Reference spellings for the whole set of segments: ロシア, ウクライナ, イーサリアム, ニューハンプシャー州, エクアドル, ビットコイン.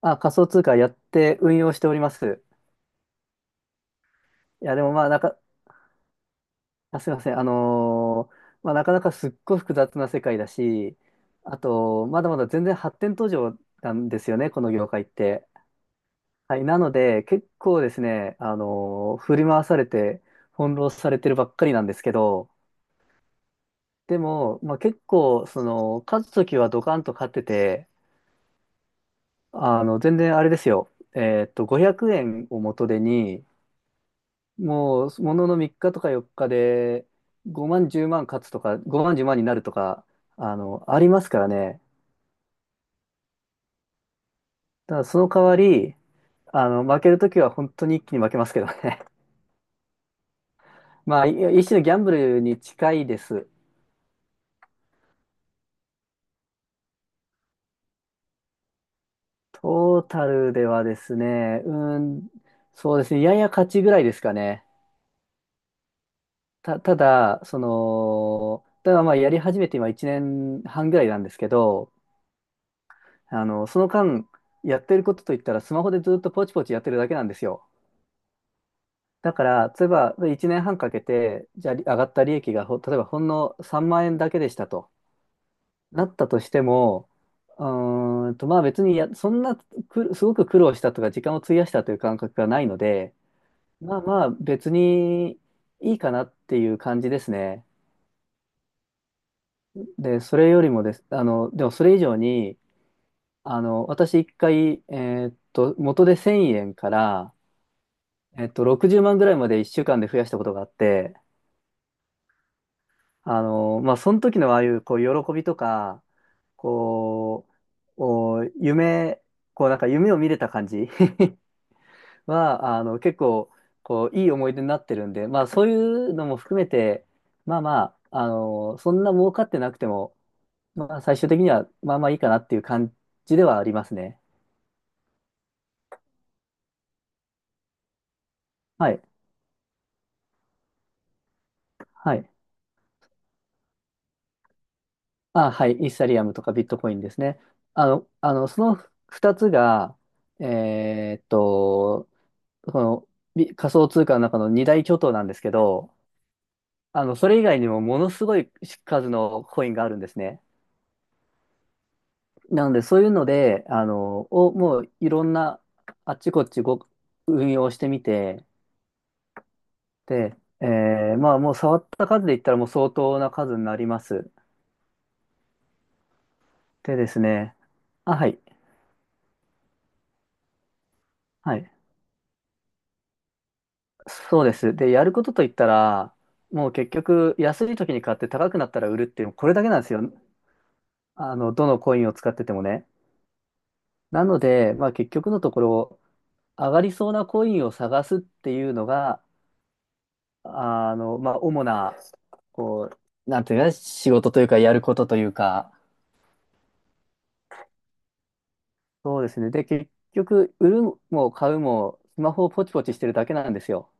あ、仮想通貨やって運用しております。いや、でもまあ、あ、すいません。まあ、なかなかすっごい複雑な世界だし、あと、まだまだ全然発展途上なんですよね、この業界って。はい。なので、結構ですね、振り回されて、翻弄されてるばっかりなんですけど、でも、まあ、結構、勝つときはドカンと勝ってて、全然あれですよ。500円を元手に、もう、ものの3日とか4日で、5万、10万勝つとか、5万、10万になるとか、ありますからね。ただ、その代わり、負けるときは本当に一気に負けますけどね。まあ、一種のギャンブルに近いです。トータルではですね、うーん、そうですね、やや勝ちぐらいですかね。ただ、ただまあ、やり始めて今1年半ぐらいなんですけど、その間、やってることといったら、スマホでずっとポチポチやってるだけなんですよ。だから、例えば1年半かけて、じゃあり上がった利益が例えばほんの3万円だけでしたとなったとしても、まあ別にそんなすごく苦労したとか、時間を費やしたという感覚がないので、まあまあ別にいいかなっていう感じですね。で、それよりもです、でもそれ以上に、私一回、元で1000円から、60万ぐらいまで1週間で増やしたことがあって、まあ、その時のああいう、こう、喜びとか、こう、お夢、こう、なんか夢を見れた感じ は、結構、こう、いい思い出になってるんで、まあ、そういうのも含めて、まあまあ、そんな儲かってなくても、まあ、最終的には、まあまあいいかなっていう感じではありますね。はい。はい。あ、はい。イーサリアムとかビットコインですね。その2つが、えーっと、その、仮想通貨の中の二大巨頭なんですけど、それ以外にもものすごい数のコインがあるんですね。なので、そういうので、もういろんな、あっちこっち運用してみて、で、まあ、もう触った数で言ったらもう相当な数になります。でですね、あ、はい、はい、そうです。で、やることといったら、もう結局、安い時に買って高くなったら売るっていう、これだけなんですよ。どのコインを使っててもね。なので、まあ、結局のところ、上がりそうなコインを探すっていうのが、まあ、主な、こなんていうかね、仕事というか、やることというか、そうですね。で、結局、売るも買うも、スマホをポチポチしてるだけなんですよ。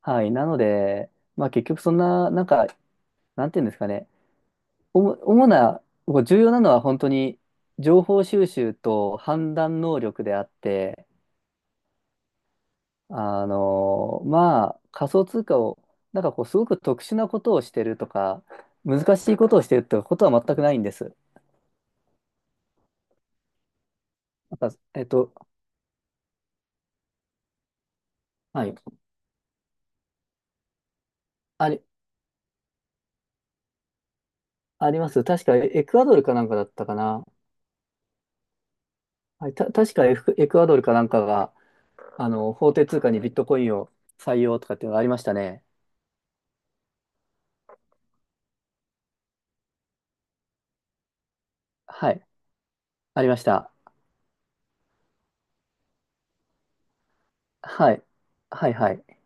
はい。なので、まあ、結局、そんな、なんか、なんていうんですかね、主な、こう重要なのは本当に、情報収集と判断能力であって、まあ、仮想通貨を、なんかこう、すごく特殊なことをしてるとか、難しいことをしてるってことは全くないんです。なんか、はい。あり、あります。確かエクアドルかなんかだったかな。はい、確かエクアドルかなんかが、法定通貨にビットコインを採用とかっていうのがありましたね。はい。ありました。はい。はいはい。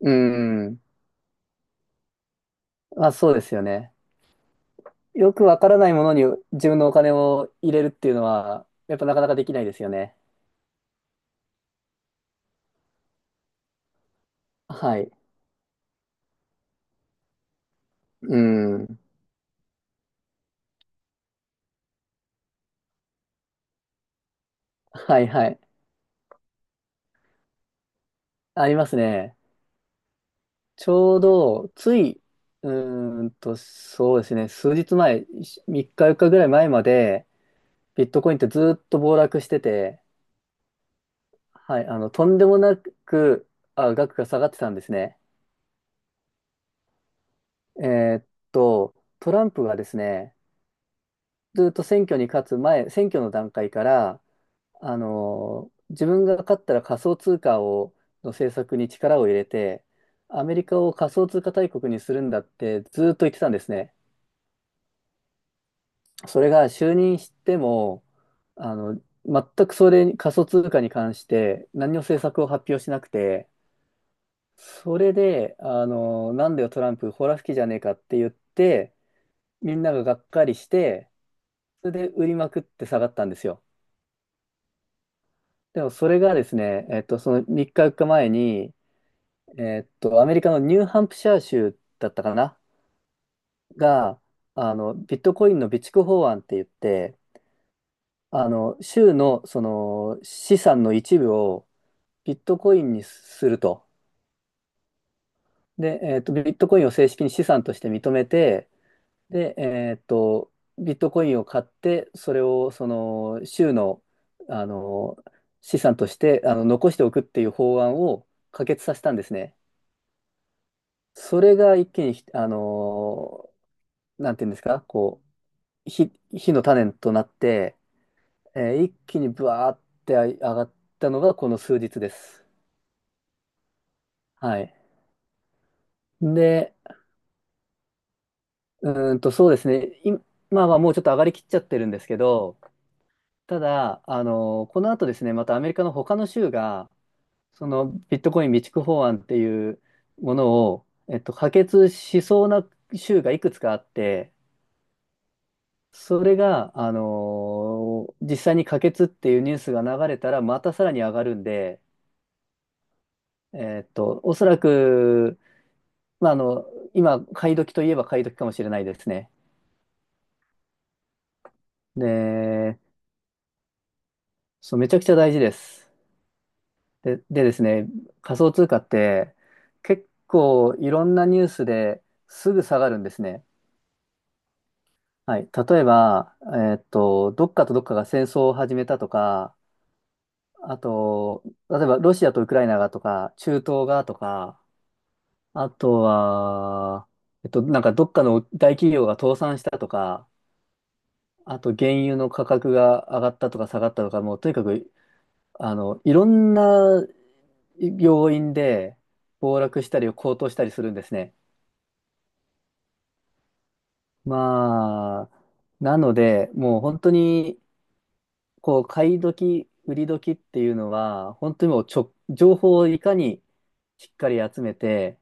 うーん。まあ、そうですよね。よくわからないものに自分のお金を入れるっていうのは、やっぱなかなかできないですよね。はい。うん。はいはい。ありますね。ちょうど、つい、そうですね。数日前、3日4日ぐらい前まで、ビットコインってずーっと暴落してて、はい、とんでもなく、あ、額が下がってたんですね。えーっと、トランプがですね、ずーっと選挙に勝つ前、選挙の段階から、自分が勝ったら仮想通貨を、の政策に力を入れて、アメリカを仮想通貨大国にするんだってずっと言ってたんですね。それが就任しても、全くそれに、仮想通貨に関して何の政策を発表しなくて、それで、なんだよトランプ、ほら吹きじゃねえかって言って、みんなががっかりして、それで売りまくって下がったんですよ。でもそれがですね、その3日4日前に、アメリカのニューハンプシャー州だったかなが、ビットコインの備蓄法案って言って、州のその資産の一部をビットコインにすると。で、ビットコインを正式に資産として認めて、で、ビットコインを買って、それをその州の、あの、資産として残しておくっていう法案を可決させたんですね。それが一気にひ、あの、なんていうんですか、こう、火の種となって、一気にブワーって上がったのがこの数日です。はい。で、そうですね。今は、もうちょっと上がりきっちゃってるんですけど、ただ、この後ですね、またアメリカの他の州が、そのビットコイン備蓄法案っていうものを、可決しそうな州がいくつかあって、それが、あの実際に可決っていうニュースが流れたら、またさらに上がるんで、おそらく、まあ、今、買い時といえば買い時かもしれないですね。で、そう、めちゃくちゃ大事です。で、でですね、仮想通貨って、結構いろんなニュースですぐ下がるんですね。はい。例えば、どっかとどっかが戦争を始めたとか、あと、例えばロシアとウクライナがとか、中東がとか、あとは、なんかどっかの大企業が倒産したとか、あと原油の価格が上がったとか下がったとか、もうとにかく、いろんな要因で暴落したり高騰したりするんですね。まあ、なので、もう本当に、こう、買い時、売り時っていうのは、本当にもうちょ、情報をいかにしっかり集めて、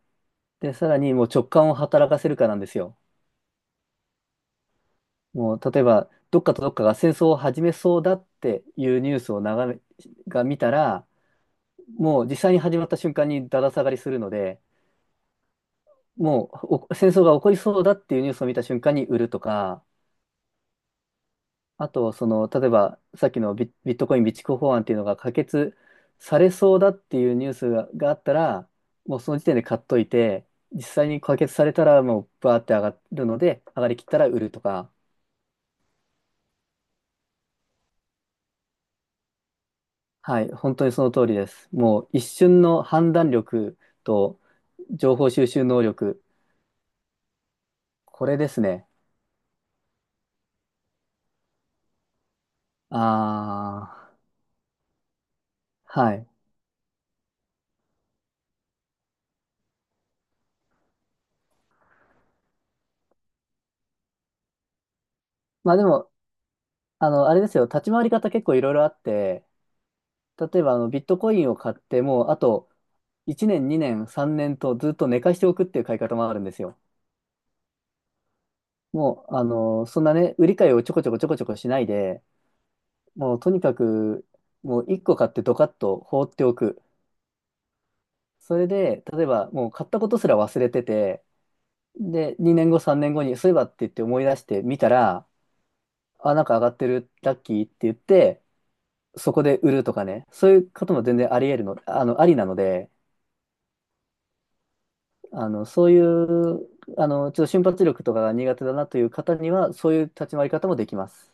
で、さらにもう直感を働かせるかなんですよ。もう、例えば、どっかとどっかが戦争を始めそうだっていうニュースを眺め、が見たら、もう実際に始まった瞬間にだだ下がりするので、もう戦争が起こりそうだっていうニュースを見た瞬間に売るとか、あと、例えばさっきのビットコイン備蓄法案っていうのが可決されそうだっていうニュースが、あったら、もうその時点で買っといて、実際に可決されたらもうバーって上がるので、上がりきったら売るとか、はい、本当にその通りです。もう一瞬の判断力と情報収集能力、これですね。ああ。はい。まあでも、あれですよ、立ち回り方結構いろいろあって、例えばビットコインを買って、もうあと1年、2年、3年とずっと寝かしておくっていう買い方もあるんですよ。もう、そんなね、売り買いをちょこちょこちょこちょこしないで、もうとにかく、もう1個買ってドカッと放っておく。それで、例えばもう買ったことすら忘れてて、で、2年後、3年後に、そういえばって言って思い出してみたら、あ、なんか上がってる、ラッキーって言って、そこで売るとかね、そういうことも全然あり得るの、あの、ありなので、そういう、ちょっと瞬発力とかが苦手だなという方には、そういう立ち回り方もできます。